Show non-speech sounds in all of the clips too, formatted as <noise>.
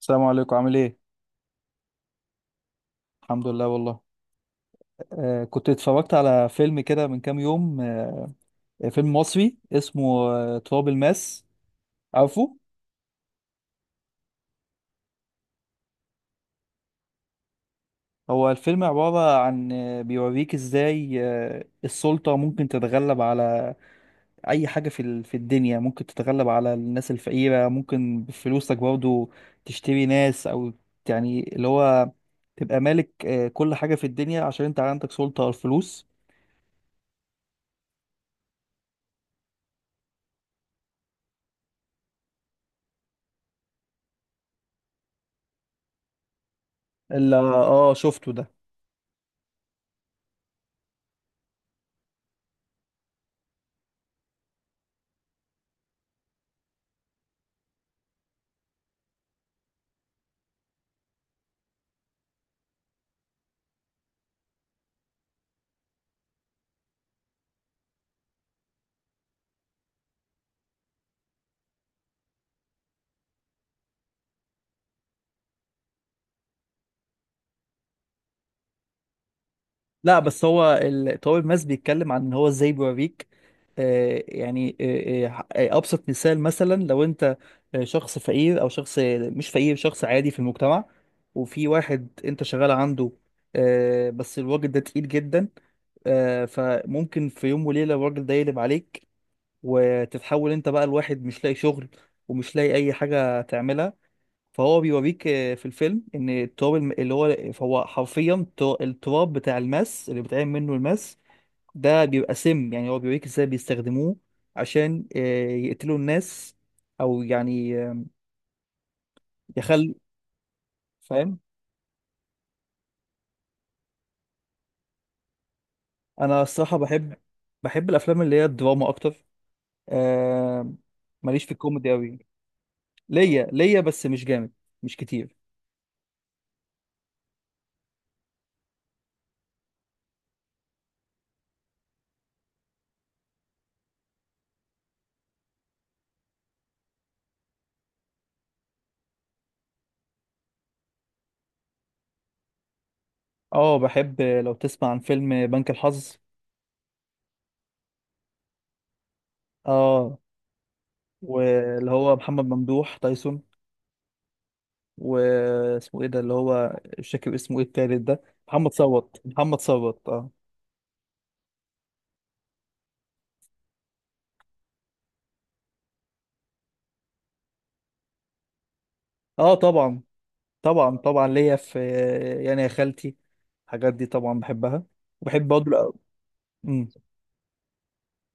السلام عليكم، عامل ايه؟ الحمد لله والله. كنت اتفرجت على فيلم كده من كام يوم. فيلم مصري اسمه تراب الماس، عارفه؟ هو الفيلم عبارة عن بيوريك ازاي السلطة ممكن تتغلب على أي حاجة في الدنيا، ممكن تتغلب على الناس الفقيرة، ممكن بفلوسك برضه تشتري ناس، أو يعني اللي هو تبقى مالك كل حاجة في الدنيا عشان انت عندك سلطة على الفلوس. اللي اه شفته ده، لا بس هو طارق ماس بيتكلم عن ان هو ازاي بيوريك. يعني ابسط مثال، مثلا لو انت شخص فقير او شخص مش فقير، شخص عادي في المجتمع، وفي واحد انت شغال عنده، بس الراجل ده تقيل جدا. فممكن في يوم وليلة الراجل ده يقلب عليك، وتتحول انت بقى لواحد مش لاقي شغل، ومش لاقي اي حاجة تعملها. فهو بيوريك في الفيلم ان اللي هو، فهو حرفيا التراب بتاع الماس اللي بيتعمل منه الماس ده بيبقى سم، يعني هو بيوريك ازاي بيستخدموه عشان يقتلوا الناس، او يعني يخل. فاهم. انا الصراحة بحب الافلام اللي هي الدراما اكتر. آه، ماليش في الكوميدي قوي، ليا بس مش جامد، مش كتير. اه بحب. لو تسمع عن فيلم بنك الحظ، اه، واللي هو محمد ممدوح تايسون، واسمه ايه ده اللي هو، مش فاكر اسمه ايه التالت ده، محمد صوت، اه. اه طبعا، طبعا ليا في، يعني يا خالتي الحاجات دي طبعا بحبها، وبحب برضه. امم،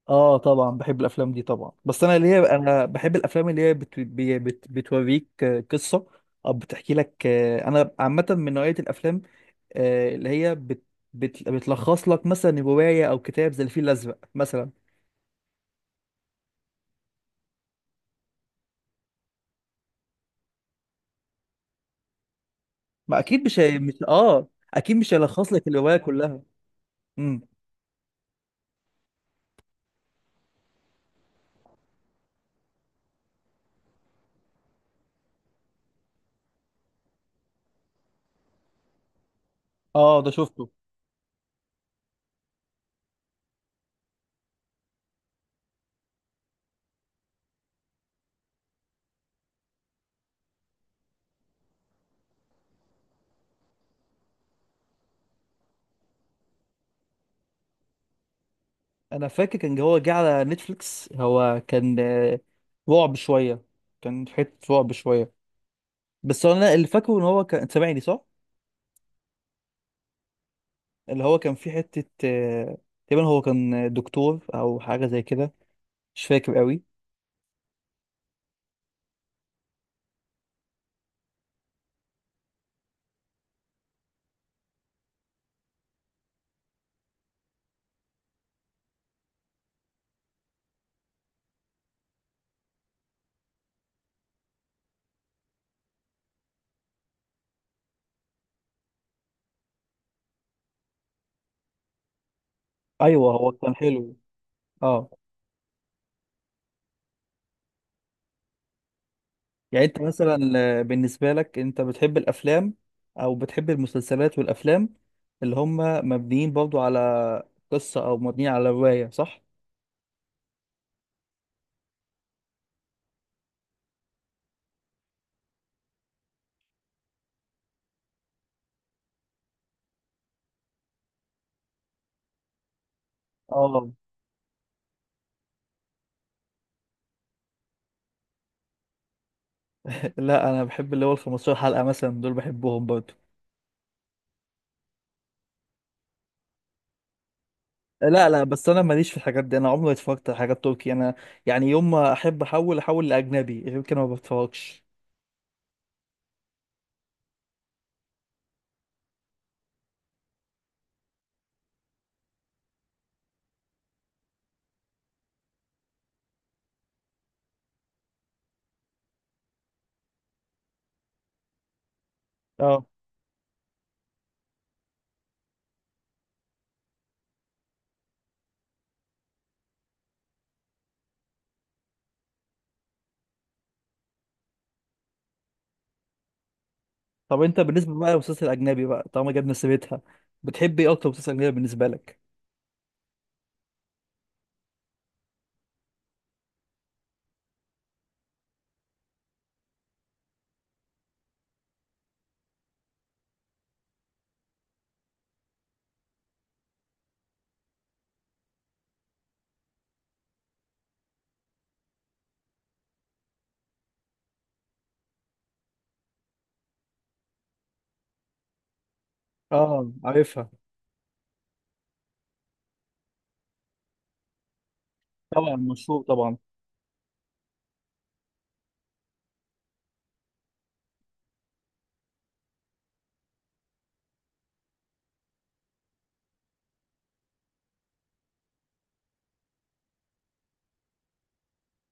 اه طبعا بحب الافلام دي طبعا، بس انا ليا، انا بحب الافلام اللي هي بتوريك قصة، او بتحكي لك. انا عامة من نوعية الافلام اللي هي بتلخص لك مثلا رواية او كتاب زي الفيل الازرق مثلا. ما اكيد مش هي... مش اه اكيد مش هيلخص لك الروايه كلها. امم، اه ده شفته. انا فاكر كان هو جه على نتفليكس، هو كان رعب شويه، كان في حته رعب شويه، بس انا اللي فاكره ان هو كان سامعني صح. اللي هو كان في حته تقريبا هو كان دكتور او حاجه زي كده، مش فاكر قوي. ايوه هو كان حلو. اه، يعني انت مثلا بالنسبة لك انت بتحب الافلام، او بتحب المسلسلات والافلام اللي هم مبنيين برضو على قصة، او مبنيين على رواية، صح؟ اه. <laughs> لا انا بحب اللي هو ال 15 حلقة مثلا، دول بحبهم برضو. لا لا، بس انا ماليش في الحاجات دي، انا عمري ما اتفرجت على حاجات تركي، انا يعني يوم ما احب احول، احول لاجنبي، غير كده ما بتفرجش. اه، طب انت بالنسبة بقى للمسلسل الاجنبي، بقى طالما جبنا سيرتها، بتحب ايه اكتر مسلسل اجنبي بالنسبة لك؟ اه عارفها. طبعا مشهور طبعا.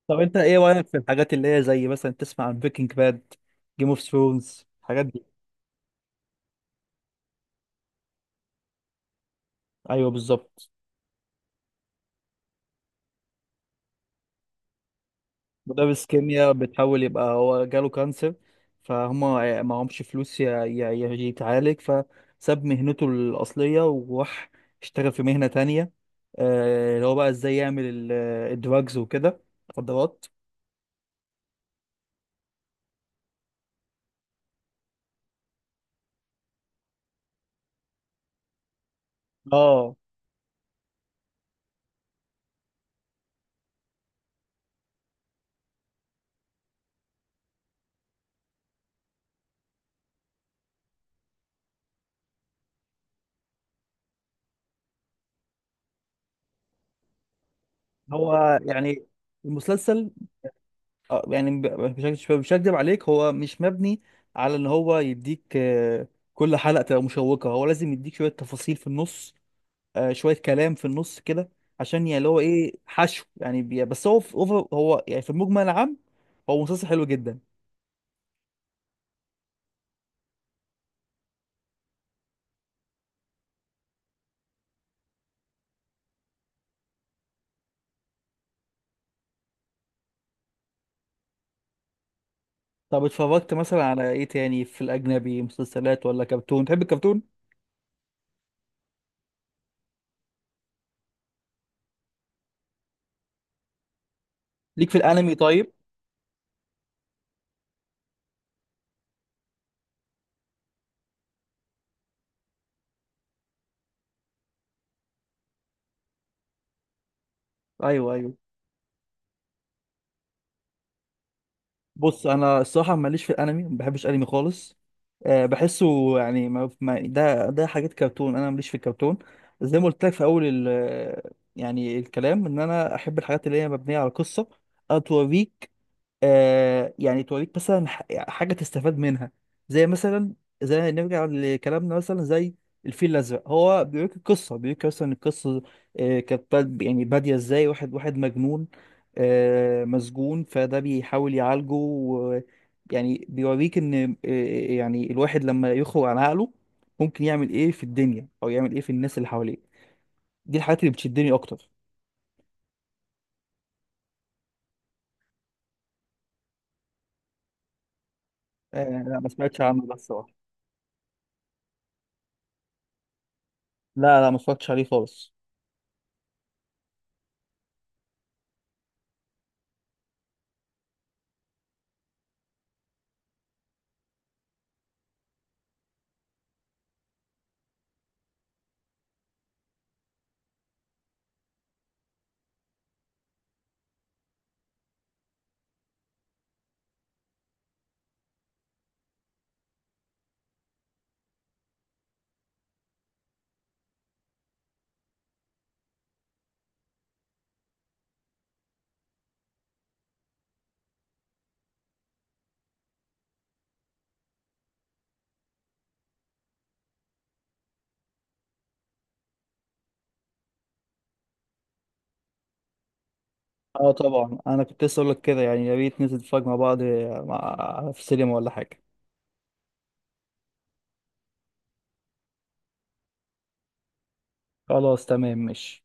طب انت ايه رايك في الحاجات اللي هي زي مثلا تسمع عن بريكنج باد، جيم اوف ثرونز، الحاجات دي؟ ايوه بالظبط. مدرس كيمياء، بتحاول يبقى هو جاله كانسر، فهم معهمش فلوس يتعالج، فساب مهنته الاصليه وراح اشتغل في مهنه تانية. اللي هو بقى ازاي يعمل الدراجز وكده، مخدرات. اه. هو يعني المسلسل، آه، يعني ب- مش هكدب عليك، هو مش مبني على ان هو يديك كل حلقه تبقى مشوقه، هو لازم يديك شويه تفاصيل في النص، شويه كلام في النص كده عشان يعني اللي هو ايه، حشو يعني، بس هو في أوفر، هو يعني في المجمل العام هو مسلسل حلو جدا. طب اتفرجت مثلا على ايه تاني في الاجنبي، مسلسلات ولا كرتون؟ تحب الكرتون، ليك في الانمي؟ طيب. ايوه ايوه. بص انا الصراحه ماليش في الانمي، ما بحبش انمي خالص. أه بحسه يعني ما ما ده حاجات كرتون، انا ماليش في الكرتون. زي ما قلت لك في اول يعني الكلام، ان انا احب الحاجات اللي هي مبنيه على قصه، أو توريك. آه يعني توريك مثلا حاجة تستفاد منها، زي مثلا، زي نرجع لكلامنا، مثلا زي الفيل الأزرق، هو بيوريك القصة، بيوريك مثلا القصة. آه كانت يعني بادية ازاي واحد، واحد مجنون، آه مسجون، فده بيحاول يعالجه، و يعني بيوريك ان آه يعني الواحد لما يخرج عن عقله ممكن يعمل ايه في الدنيا، او يعمل ايه في الناس اللي حواليه. دي الحاجات اللي بتشدني اكتر. آه لا ما سمعتش عنه ده الصراحة. لا لا ما اتفرجتش عليه خالص. اه طبعا، انا كنت لسه اقول لك كده، يعني يا ريت ننزل نتفرج مع بعض، مع... في السينما ولا حاجه. خلاص تمام ماشي.